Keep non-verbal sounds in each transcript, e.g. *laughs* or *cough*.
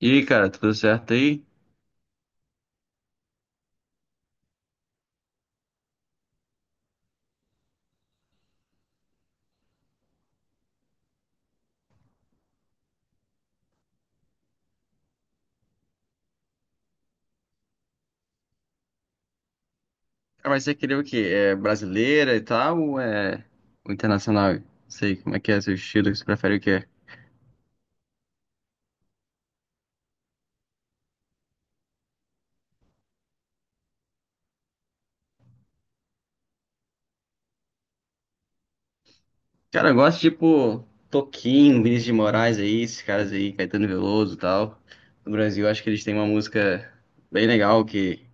E cara, tudo certo aí? Ah, mas você queria o quê? É brasileira e tal ou é o internacional? Não sei como é que é seu estilo, você prefere o quê? Cara, eu gosto tipo Toquinho, Vinícius de Moraes aí, esses caras aí, Caetano Veloso e tal. No Brasil, eu acho que eles têm uma música bem legal que,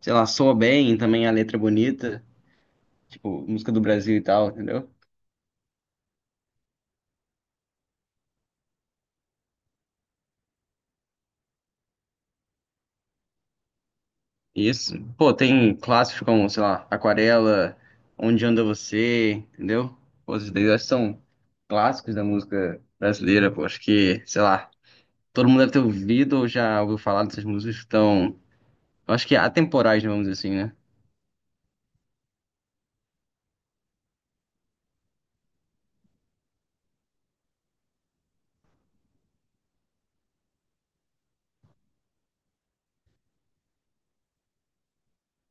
sei lá, soa bem, também a letra é bonita, tipo, música do Brasil e tal, entendeu? Isso. Pô, tem clássicos como, sei lá, Aquarela, Onde Anda Você, entendeu? Pô, esses daí eu acho que são clássicos da música brasileira, pô. Acho que, sei lá, todo mundo deve ter ouvido ou já ouviu falar dessas músicas que estão, eu acho que atemporais, né, vamos dizer assim, né?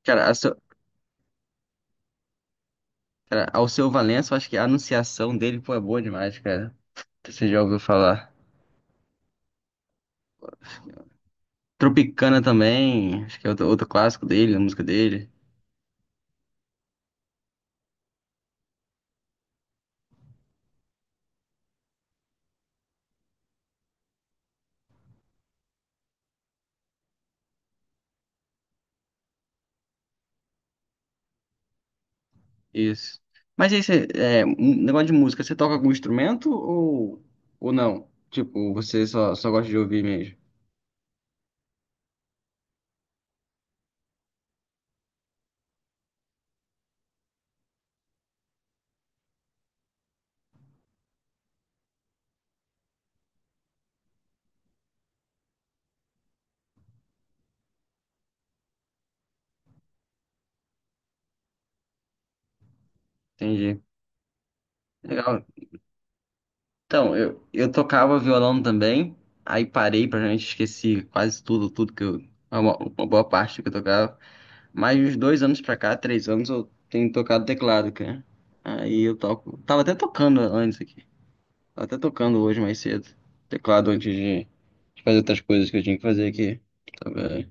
Cara, cara, Alceu Valença, eu acho que a anunciação dele, pô, é boa demais, cara. Você já ouviu falar. Tropicana também, acho que é outro clássico dele, a música dele. Isso. Mas aí você, um negócio de música, você toca algum instrumento ou não? Tipo, você só gosta de ouvir mesmo. Entendi. Legal. Então, eu tocava violão também, aí parei, praticamente esqueci quase tudo, tudo que eu, uma boa parte do que eu tocava. Mas uns 2 anos pra cá, 3 anos, eu tenho tocado teclado, cara. Aí eu toco. Tava até tocando antes aqui. Tava até tocando hoje mais cedo. Teclado antes de fazer outras coisas que eu tinha que fazer aqui. Tava.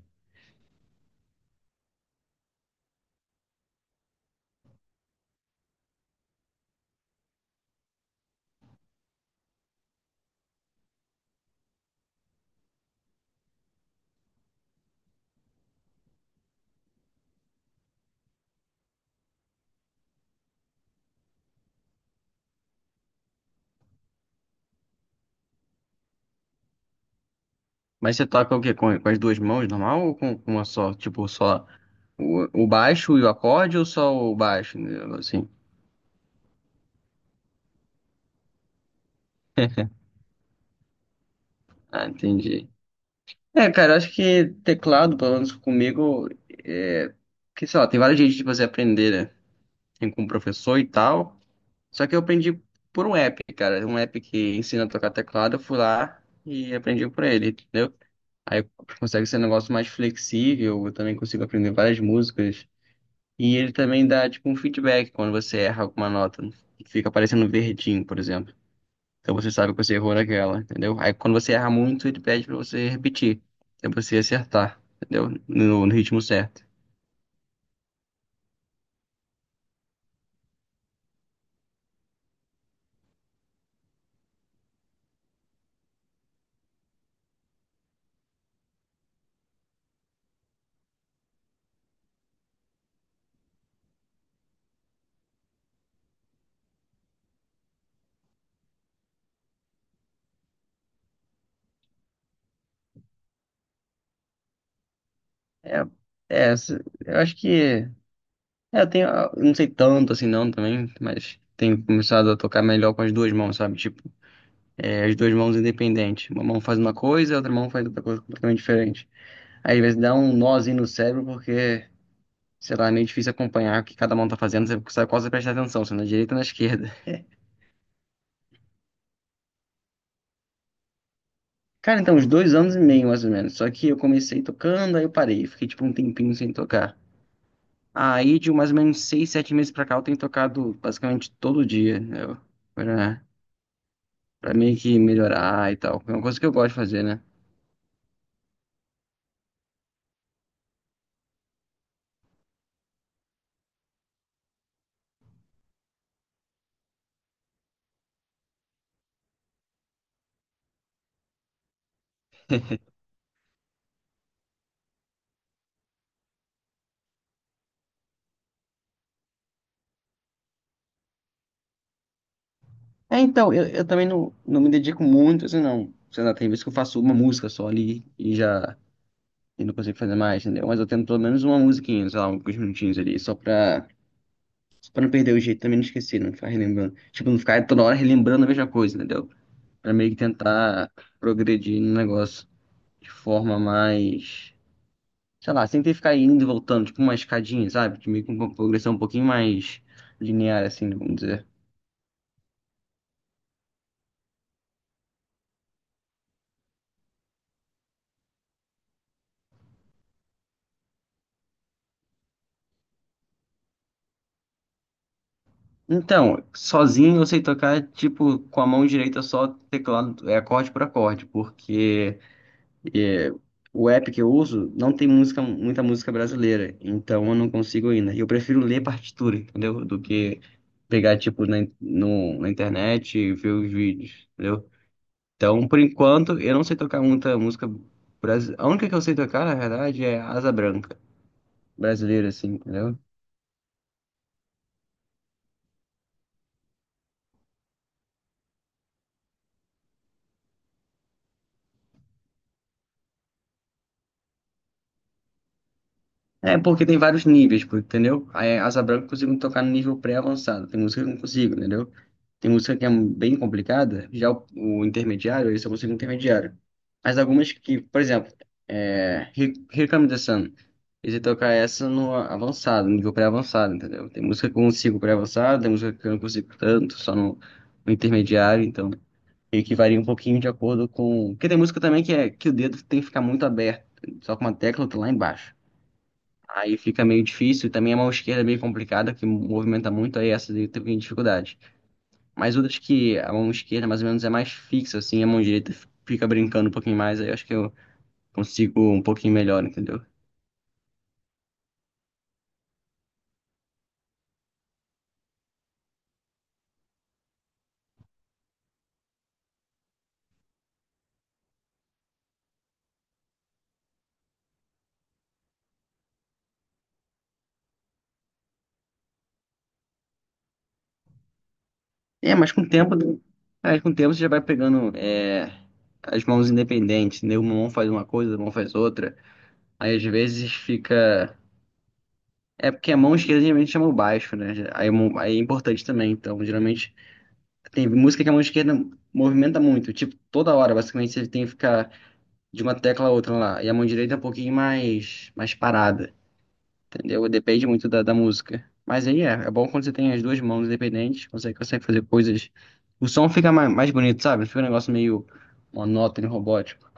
Mas você toca o quê? Com as duas mãos, normal? Ou com uma só? Tipo, só o baixo e o acorde ou só o baixo? Né, assim. *laughs* Ah, entendi. É, cara, eu acho que teclado, pelo menos comigo, é... que, sei lá, tem vários jeitos de você aprender, né? Tem com o professor e tal. Só que eu aprendi por um app, cara. Um app que ensina a tocar teclado, eu fui lá e aprendi por ele, entendeu? Aí consegue ser um negócio mais flexível, eu também consigo aprender várias músicas. E ele também dá tipo um feedback quando você erra alguma nota, que fica aparecendo verdinho, por exemplo. Então você sabe que você errou naquela, entendeu? Aí quando você erra muito, ele pede pra você repetir, pra você acertar, entendeu? No ritmo certo. É, eu acho que eu não sei tanto assim não também, mas tenho começado a tocar melhor com as duas mãos, sabe? Tipo, as duas mãos independentes. Uma mão faz uma coisa, a outra mão faz outra coisa completamente diferente. Aí às vezes dá um nozinho no cérebro porque sei lá, é meio difícil acompanhar o que cada mão tá fazendo, você sabe qual você presta atenção, se é na direita ou na esquerda. *laughs* Cara, então, uns 2 anos e meio, mais ou menos. Só que eu comecei tocando, aí eu parei, fiquei tipo um tempinho sem tocar. Aí, de mais ou menos 6, 7 meses pra cá, eu tenho tocado basicamente todo dia, né? Pra, pra meio que melhorar e tal. É uma coisa que eu gosto de fazer, né? É, então, eu também não me dedico muito, assim, não. Sei lá, tem vezes que eu faço uma música só ali e já e não consigo fazer mais, entendeu? Mas eu tento pelo menos uma musiquinha, sei lá, alguns minutinhos ali, só pra não perder o jeito, também não esquecer, não ficar relembrando. Tipo, não ficar toda hora relembrando a mesma coisa, entendeu? Pra meio que tentar progredir no negócio de forma mais. Sei lá, sem ter que ficar indo e voltando, tipo uma escadinha, sabe? Que meio que uma progressão um pouquinho mais linear, assim, vamos dizer. Então, sozinho eu sei tocar, tipo, com a mão direita só teclado, é acorde por acorde, porque. é, o app que eu uso não tem música, muita música brasileira, então eu não consigo ainda. E eu prefiro ler partitura, entendeu? Do que pegar, tipo, na, in- no, na internet e ver os vídeos, entendeu? Então, por enquanto, eu não sei tocar muita música brasileira. A única que eu sei tocar, na verdade, é Asa Branca, brasileira, assim, entendeu? É, porque tem vários níveis, pô, entendeu? Aí, Asa Branca eu consigo tocar no nível pré-avançado. Tem música que eu não consigo, entendeu? Tem música que é bem complicada. Já o intermediário, esse eu consigo intermediário. Mas algumas que, por exemplo, Here Comes the Sun. Eu sei tocar essa no avançado, no nível pré-avançado, entendeu? Tem música que eu consigo pré-avançado, tem música que eu não consigo tanto, só no intermediário. Então, meio que varia um pouquinho de acordo com. Porque tem música também que o dedo tem que ficar muito aberto. Só com uma tecla, eu lá embaixo. Aí fica meio difícil. E também a mão esquerda é meio complicada, que movimenta muito, aí essa daí tem dificuldade. Mas outras que a mão esquerda mais ou menos é mais fixa, assim, a mão direita fica brincando um pouquinho mais, aí eu acho que eu consigo um pouquinho melhor, entendeu? É, mas com o tempo, né? Com o tempo você já vai pegando as mãos independentes, entendeu? Uma mão faz uma coisa, a mão faz outra. Aí às vezes fica. É porque a mão esquerda geralmente chama o baixo, né? Aí é importante também, então geralmente. Tem música que a mão esquerda movimenta muito, tipo, toda hora, basicamente, você tem que ficar de uma tecla a outra lá. E a mão direita é um pouquinho mais parada, entendeu? Depende muito da música. Mas aí é bom quando você tem as duas mãos independentes, consegue fazer coisas. O som fica mais bonito, sabe? Fica um negócio meio monótono, robótico.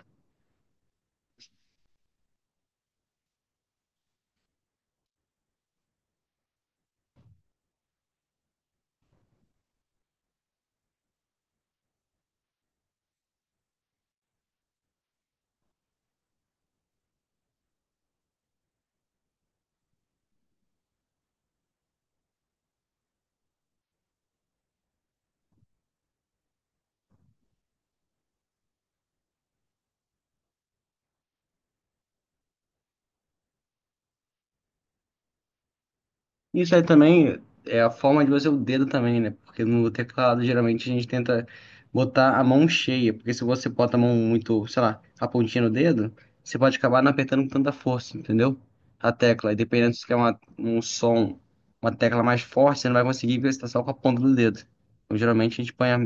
Isso aí também é a forma de você o dedo também, né? Porque no teclado geralmente a gente tenta botar a mão cheia, porque se você bota a mão muito, sei lá, a pontinha no dedo, você pode acabar não apertando com tanta força, entendeu? A tecla. E dependendo se quer uma, um som, uma tecla mais forte, você não vai conseguir porque você tá só com a ponta do dedo. Então geralmente a gente põe a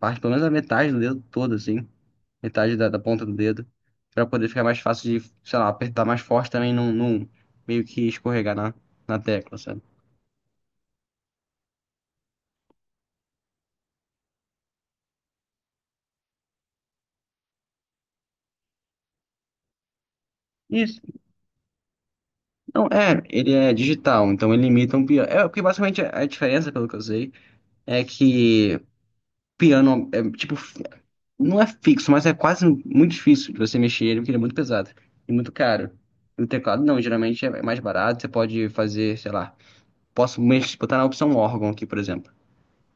parte, pelo menos a metade do dedo todo, assim, metade da ponta do dedo, pra poder ficar mais fácil de, sei lá, apertar mais forte também, não meio que escorregar na tecla, sabe? Isso. Não, ele é digital, então ele imita um piano. É, porque basicamente a diferença, pelo que eu sei, é que piano é tipo, não é fixo, mas é quase muito difícil de você mexer ele, porque ele é muito pesado e muito caro. E o teclado não, geralmente é mais barato, você pode fazer, sei lá, posso mexer, botar na opção órgão aqui, por exemplo.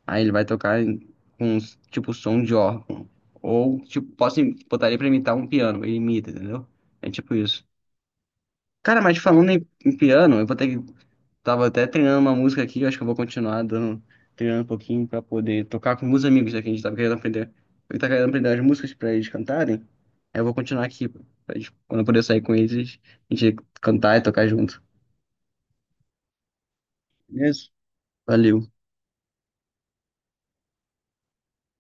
Aí ele vai tocar com tipo som de órgão. Ou tipo, posso botar ele pra imitar um piano, ele imita, entendeu? É tipo isso. Cara, mas falando em piano, eu vou ter que Tava até treinando uma música aqui, acho que eu vou continuar dando, treinando um pouquinho pra poder tocar com meus amigos aqui. A gente tava querendo aprender. Eu tava querendo aprender as músicas pra eles cantarem. Aí eu vou continuar aqui, pra eles, quando eu puder sair com eles, a gente cantar e tocar junto. Beleza? Valeu.